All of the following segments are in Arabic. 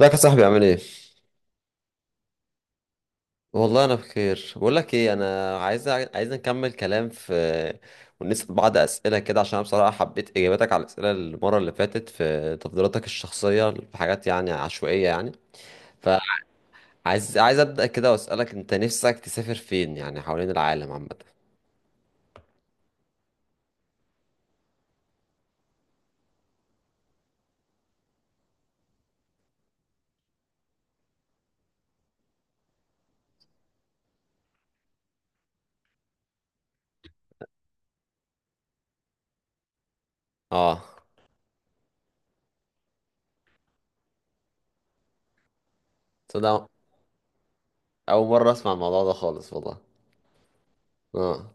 ازيك يا صاحبي؟ عامل ايه؟ والله انا بخير. بقول لك ايه، انا عايز نكمل كلام في ونسأل بعض اسئله كده، عشان انا بصراحه حبيت اجاباتك على الاسئله المره اللي فاتت في تفضيلاتك الشخصيه في حاجات يعني عشوائيه يعني. فعايز عايز ابدا كده واسالك انت نفسك، تسافر فين يعني حوالين العالم عامه؟ اه. تصدق اول مره اسمع الموضوع ده خالص والله. اه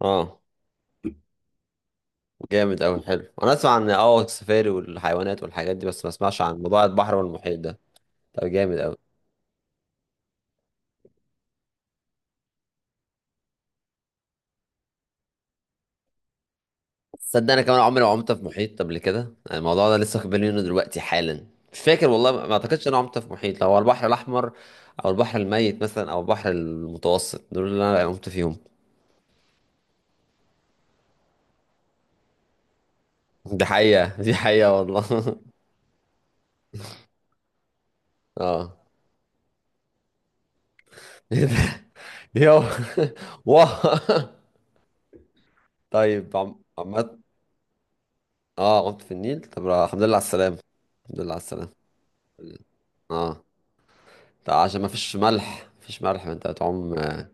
اه. جامد اوي. حلو، انا اسمع عن السفاري والحيوانات والحاجات دي، بس ما اسمعش عن موضوع البحر والمحيط ده. طب جامد اوي. تصدق انا كمان عمري ما عمت في محيط قبل كده، يعني الموضوع ده لسه واخد بالي منه دلوقتي حالا. مش فاكر والله، ما اعتقدش ان انا عمت في محيط، لو هو البحر الاحمر او البحر الميت مثلا او البحر المتوسط، دول اللي انا عمت فيهم. دي حقيقة، دي حقيقة والله. اه. يو. واه. طيب عمت في النيل، طب الحمد لله على السلامة. الحمد لله على السلامة. اه. طيب عشان ما فيش ملح، مفيش ملح ما انت هتعوم. اه.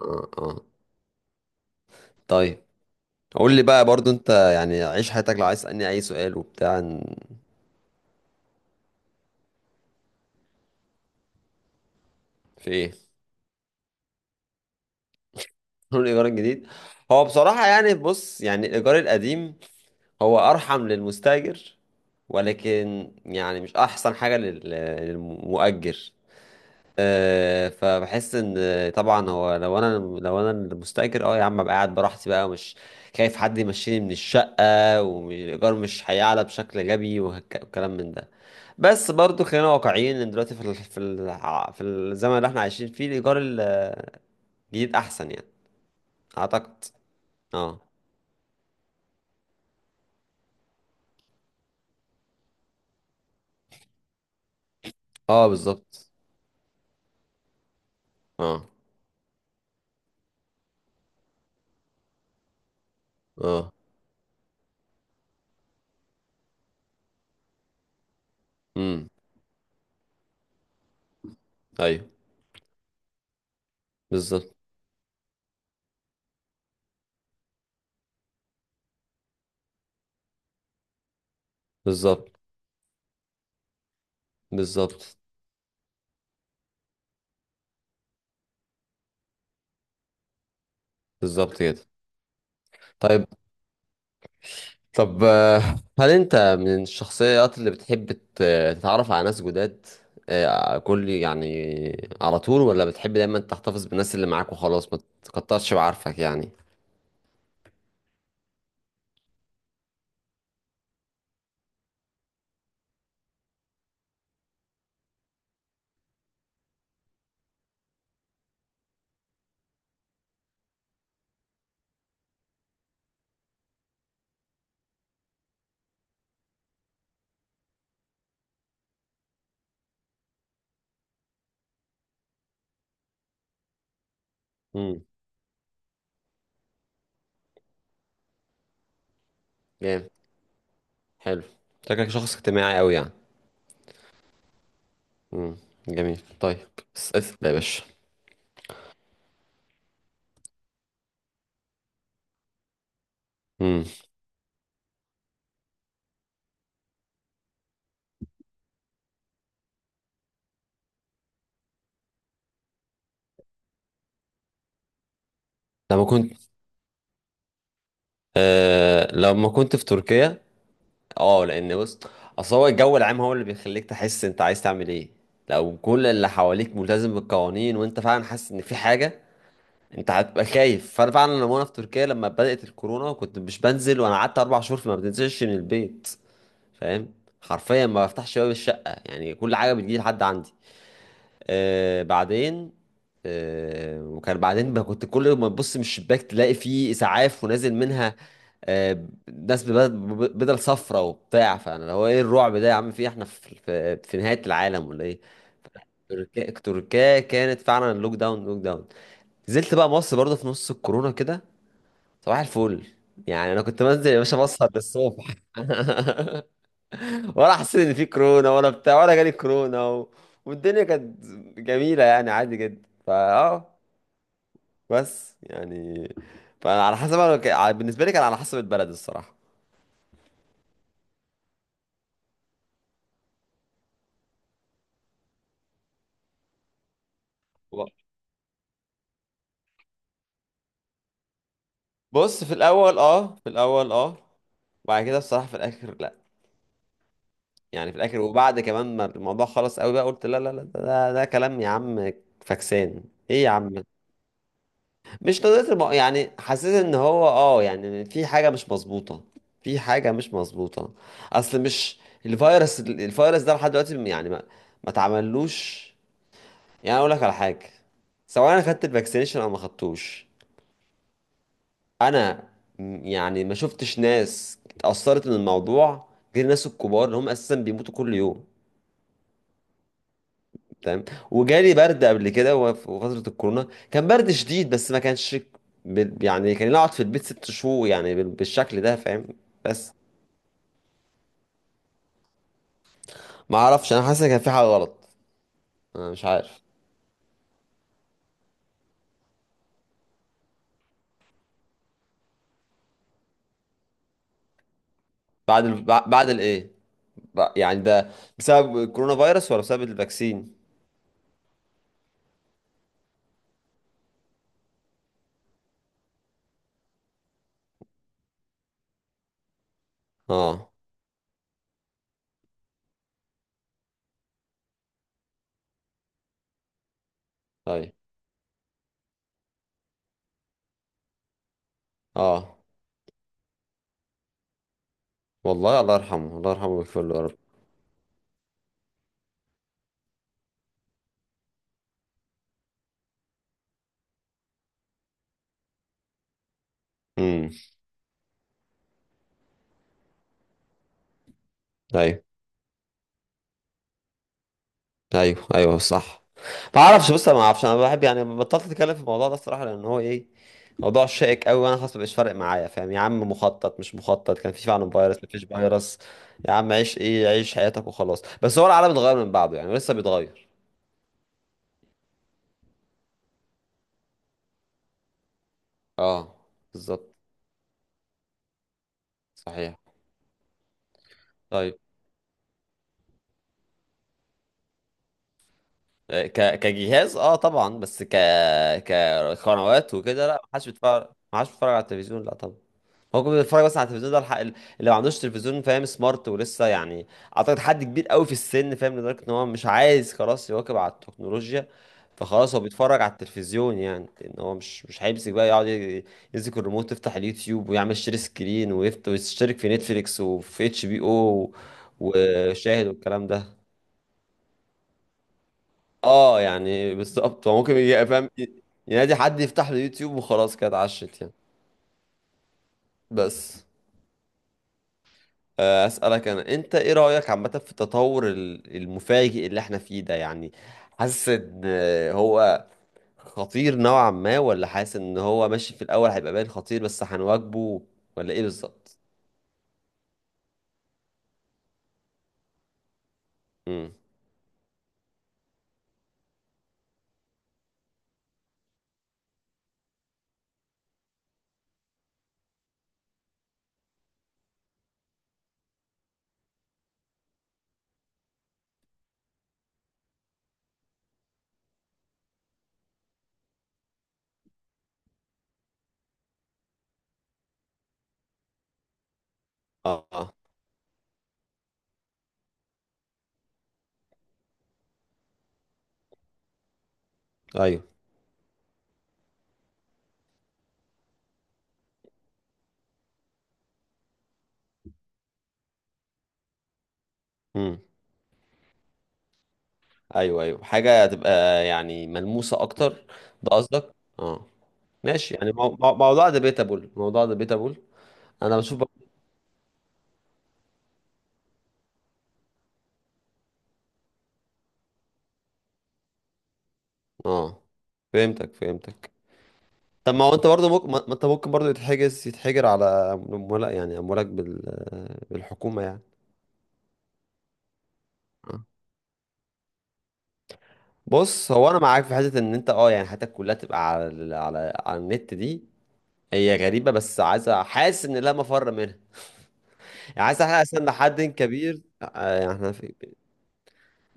اه. طيب قول لي بقى برضو انت، يعني عيش حياتك لو عايز تسألني اي سؤال وبتاع في ايه؟ قول، الايجار الجديد. هو بصراحة يعني، بص، يعني الايجار القديم هو ارحم للمستاجر، ولكن يعني مش احسن حاجة للمؤجر. فبحس ان، طبعا هو لو انا لو انا المستاجر، يا عم ابقى قاعد براحتي بقى، ومش خايف حد يمشيني من الشقه، والايجار مش هيعلى بشكل غبي، وكلام من ده. بس برضو خلينا واقعيين، ان دلوقتي في الزمن اللي احنا عايشين فيه الايجار الجديد احسن يعني، اعتقد. اه اه، بالظبط. اه اه. امم. ايوه، بالظبط. بالظبط. بالظبط. بالظبط كده. طيب. طب هل انت من الشخصيات اللي بتحب تتعرف على ناس جداد كل يعني على طول، ولا بتحب دايما تحتفظ بالناس اللي معاك وخلاص ما تكترش بعارفك يعني؟ امم جامد. حلو. شكلك شخص اجتماعي قوي يعني. امم جميل. طيب. بس اسال يا باشا. امم لما كنت، في تركيا. اه لان بص، اصل هو الجو العام هو اللي بيخليك تحس انت عايز تعمل ايه. لو كل اللي حواليك ملتزم بالقوانين وانت فعلا حاسس ان في حاجه، انت هتبقى خايف. فانا فعلا لما انا في تركيا لما بدأت الكورونا كنت مش بنزل، وانا قعدت اربع شهور فما بنزلش من البيت، فاهم؟ حرفيا ما بفتحش باب الشقة، يعني كل حاجة بتجي لحد عندي. آه بعدين آه وكان بعدين ما كنت كل ما تبص من الشباك تلاقي فيه اسعاف ونازل منها آه ناس بدل صفرة وبتاع. فانا اللي هو ايه الرعب ده يا عم؟ في إيه؟ احنا في نهاية العالم ولا ايه؟ تركيا، تركيا كانت فعلا اللوك داون، لوك داون. نزلت بقى مصر برضه في نص الكورونا كده، صباح الفل، يعني انا كنت بنزل يا باشا بسهر للصبح. ولا حسيت ان في كورونا ولا بتاع، ولا جالي كورونا والدنيا كانت جميله يعني، عادي جدا فاه بس يعني، فانا على حسب، بالنسبه لي كان على حسب البلد الصراحه. ب- بص في الاول اه، في الاول اه، وبعد كده بصراحه في الاخر لا. يعني في الاخر وبعد كمان ما الموضوع خلص قوي بقى قلت لا لا لا، ده كلام يا عم. فاكسان. ايه يا عم، مش قضية يعني حاسس ان هو يعني في حاجة مش مظبوطة، في حاجة مش مظبوطة. اصل مش، الفيروس ده لحد دلوقتي يعني ما اتعملوش. يعني اقول لك على حاجة، سواء انا خدت الفاكسينيشن او ما خدتوش، انا يعني ما شفتش ناس اتأثرت من الموضوع غير الناس الكبار اللي هم اساسا بيموتوا كل يوم. تمام. وجالي برد قبل كده، في فترة الكورونا كان برد شديد، بس ما كانش يعني كان اقعد في البيت ست شهور يعني بالشكل ده، فاهم؟ بس ما اعرفش، انا حاسس ان كان في حاجة غلط. انا مش عارف. بعد الايه، يعني ده بسبب الكورونا فيروس ولا بسبب الفاكسين؟ اه. طيب. اه والله. الله يرحمه، الله يرحمه ويغفر له يا رب. امم. ايوه. ايوه ايوه، صح. ما اعرفش، بص انا ما اعرفش، انا بحب يعني بطلت اتكلم في الموضوع ده الصراحه، لان هو ايه، موضوع شائك قوي، وانا خلاص مبقاش فارق معايا، فاهم يا عم، مخطط مش مخطط، كان في فعلا فيروس مفيش فيروس. يا عم عيش حياتك وخلاص، بس هو العالم اتغير من بعده يعني، لسه بيتغير. اه، بالظبط. صحيح. طيب. كجهاز، طبعا، بس كقنوات وكده، لا، ما حدش بيتفرج، ما حدش بيتفرج على التلفزيون، لا طبعا. هو كان بيتفرج بس على التلفزيون ده الحق اللي ما عندوش تلفزيون، فاهم، سمارت ولسه يعني، اعتقد حد كبير قوي في السن، فاهم، لدرجه ان هو مش عايز خلاص يواكب على التكنولوجيا. فخلاص هو بيتفرج على التلفزيون، يعني ان هو مش هيمسك بقى يقعد يمسك الريموت، يفتح اليوتيوب ويعمل شير سكرين، ويشترك في نتفليكس وفي اتش بي او وشاهد والكلام ده. اه يعني بالظبط، هو ممكن يبقى فاهم، ينادي حد يفتح له يوتيوب وخلاص كده، اتعشت يعني. بس أسألك أنا، أنت إيه رأيك عامة في التطور المفاجئ اللي إحنا فيه ده يعني، حاسس إن هو خطير نوعا ما، ولا حاسس إن هو ماشي في الأول هيبقى باين خطير بس هنواجهه، ولا إيه بالظبط؟ امم. آه آه. أيوه. امم، أيوه أيوه، حاجة هتبقى يعني ملموسة أكتر، ده قصدك؟ آه. ماشي يعني، موضوع ديبيتابل، موضوع ديبيتابل. أنا بشوف آه، فهمتك، فهمتك. طب ما هو انت برضه ممكن، ما انت ممكن برضه يتحجر على مولك يعني، اموالك بالحكومه يعني. آه. بص هو انا معاك في حته ان انت، يعني حياتك كلها تبقى على على النت دي، هي غريبه، بس عايز، حاسس ان لا مفر منها. يعني عايز احنا اصلا لحد كبير يعني احنا في.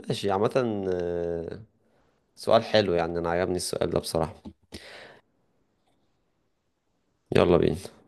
ماشي عامه. سؤال حلو يعني، انا عجبني السؤال ده بصراحه. يلا بينا.